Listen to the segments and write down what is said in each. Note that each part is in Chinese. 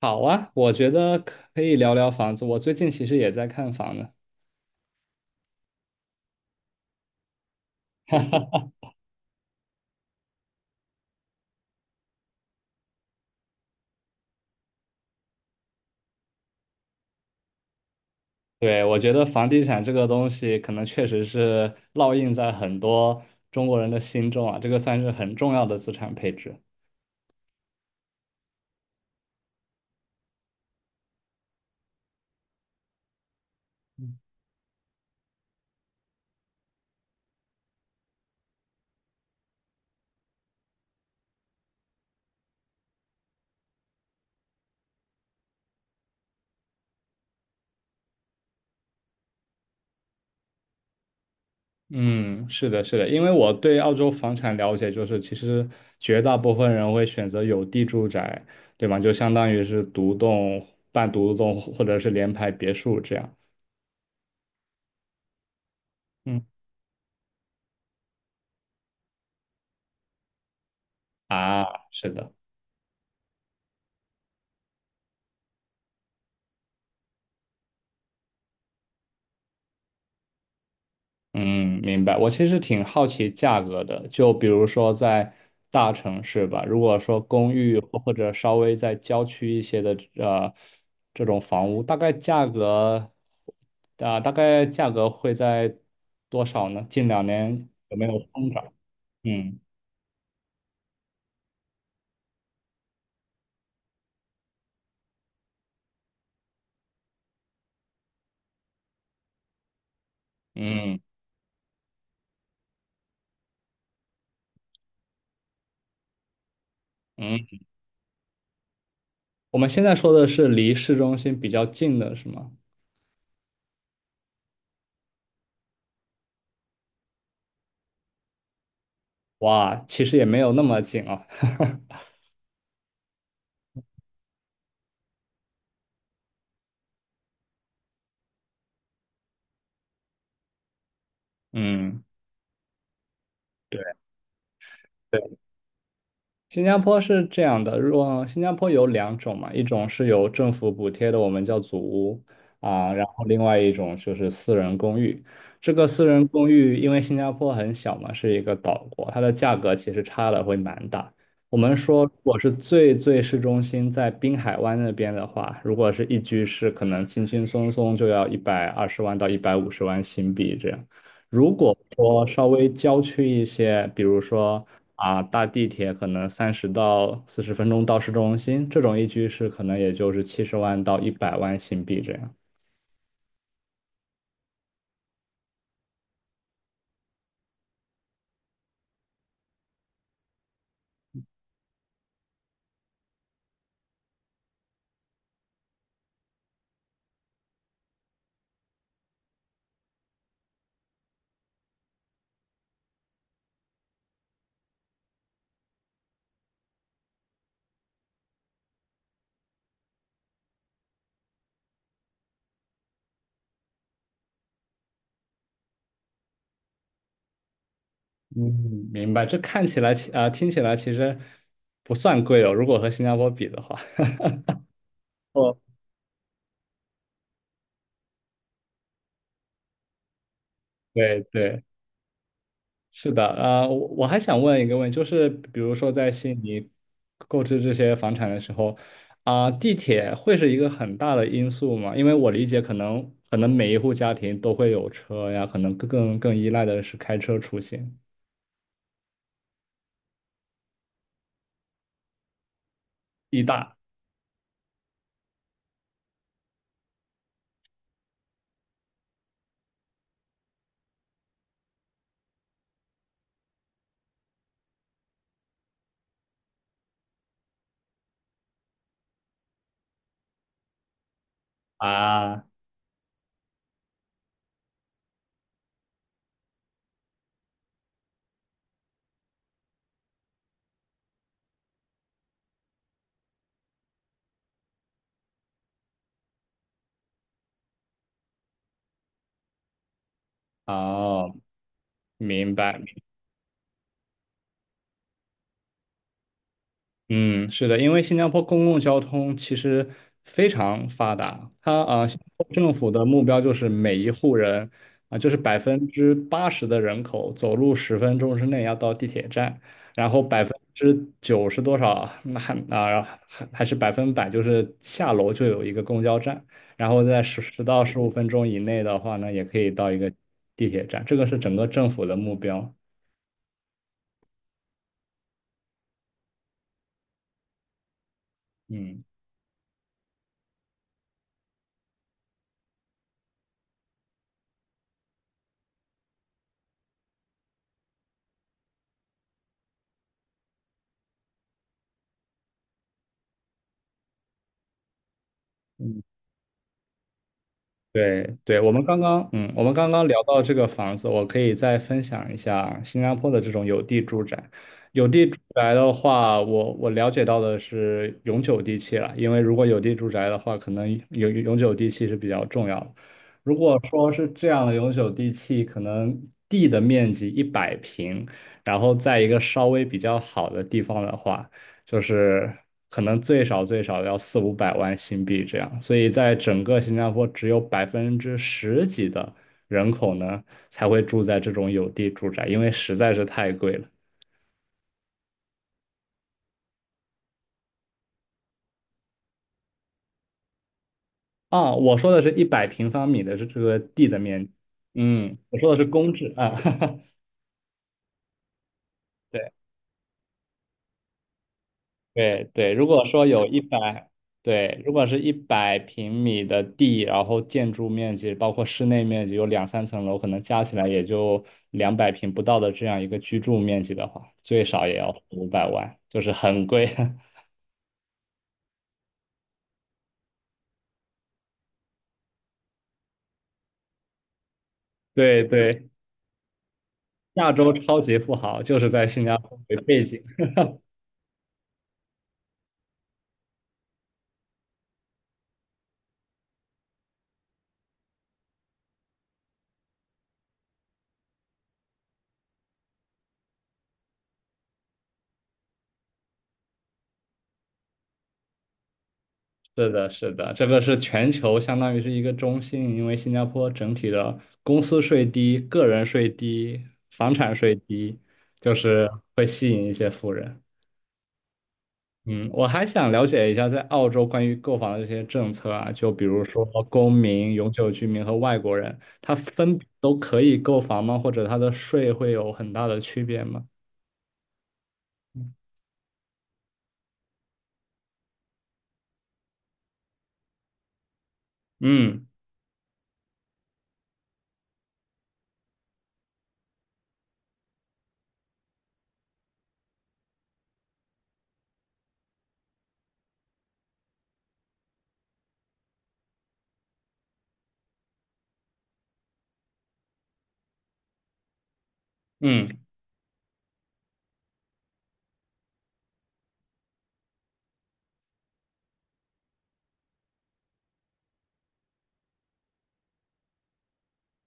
好啊，我觉得可以聊聊房子。我最近其实也在看房呢。对，我觉得房地产这个东西，可能确实是烙印在很多中国人的心中啊，这个算是很重要的资产配置。嗯，是的，是的，因为我对澳洲房产了解，就是其实绝大部分人会选择有地住宅，对吗？就相当于是独栋、半独栋或者是联排别墅这样。嗯啊，是的。嗯，明白。我其实挺好奇价格的，就比如说在大城市吧，如果说公寓或者稍微在郊区一些的这种房屋，大概价格会在多少呢？近两年有没有增长？嗯嗯嗯，我们现在说的是离市中心比较近的是吗？哇，其实也没有那么近啊。嗯。对。新加坡是这样的，如果新加坡有两种嘛，一种是由政府补贴的，我们叫祖屋啊，然后另外一种就是私人公寓。这个私人公寓，因为新加坡很小嘛，是一个岛国，它的价格其实差的会蛮大。我们说，如果是最最市中心，在滨海湾那边的话，如果是一居室，可能轻轻松松就要120万到150万新币这样。如果说稍微郊区一些，比如说啊，搭地铁可能30到40分钟到市中心，这种一居室可能也就是70万到100万新币这样。嗯，明白。这看起来啊，听起来其实不算贵哦，如果和新加坡比的话。哦，对对，是的，我还想问一个问题，就是比如说在悉尼购置这些房产的时候，地铁会是一个很大的因素吗？因为我理解，可能每一户家庭都会有车呀，可能更依赖的是开车出行。地大啊，哦，明白。嗯，是的，因为新加坡公共交通其实非常发达，它啊，新加坡政府的目标就是每一户人啊，就是80%的人口走路十分钟之内要到地铁站，然后90%多少，那还啊还还是100%，就是下楼就有一个公交站，然后在十到十五分钟以内的话呢，也可以到一个地铁站，这个是整个政府的目标。嗯嗯。对对，我们刚刚聊到这个房子，我可以再分享一下新加坡的这种有地住宅。有地住宅的话，我了解到的是永久地契了，因为如果有地住宅的话，可能永久地契是比较重要的。如果说是这样的永久地契，可能地的面积一百平，然后在一个稍微比较好的地方的话。就是可能最少最少要四五百万新币这样，所以在整个新加坡只有百分之十几的人口呢才会住在这种有地住宅，因为实在是太贵了。啊，我说的是100平方米的这个地的面积，嗯，我说的是公制啊，对。对对，如果说有一百，对，如果是100平米的地，然后建筑面积包括室内面积有两三层楼，可能加起来也就200平不到的这样一个居住面积的话，最少也要五百万，就是很贵。对对，亚洲超级富豪就是在新加坡为背景。是的，是的，这个是全球相当于是一个中心，因为新加坡整体的公司税低、个人税低、房产税低，就是会吸引一些富人。嗯，我还想了解一下在澳洲关于购房的这些政策啊，就比如说公民、永久居民和外国人，他分别都可以购房吗？或者他的税会有很大的区别吗？嗯嗯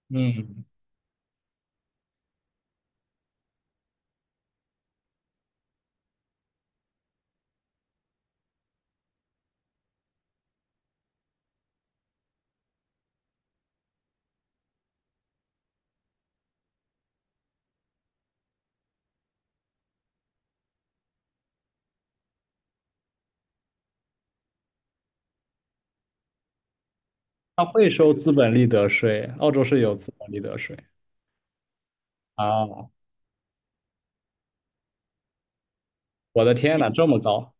嗯，他会收资本利得税，澳洲是有资本利得税。啊。我的天呐，这么高！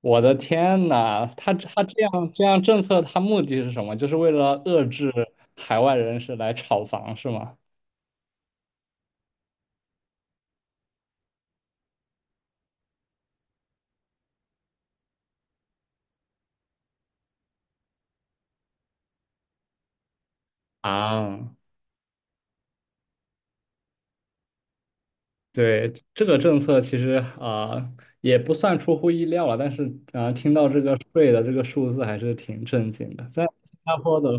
我的天呐，他这样政策，他目的是什么？就是为了遏制海外人士来炒房，是吗？啊，对，这个政策其实也不算出乎意料了，但是听到这个税的这个数字还是挺震惊的。在新加坡的，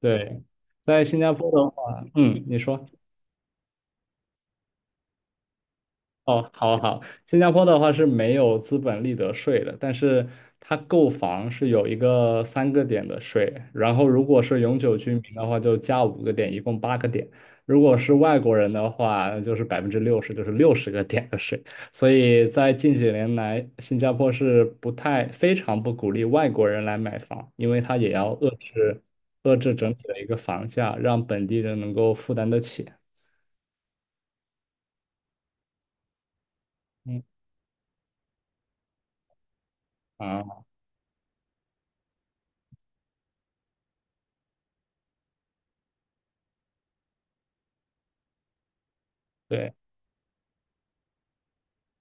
对，在新加坡的话，嗯，你说。哦，好好，新加坡的话是没有资本利得税的，但是它购房是有一个三个点的税，然后如果是永久居民的话就加五个点，一共八个点；如果是外国人的话，就是60%，就是六十个点的税。所以在近几年来，新加坡是不太非常不鼓励外国人来买房，因为它也要遏制整体的一个房价，让本地人能够负担得起。嗯啊，对，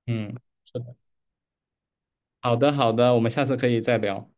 嗯。好的，好的，我们下次可以再聊。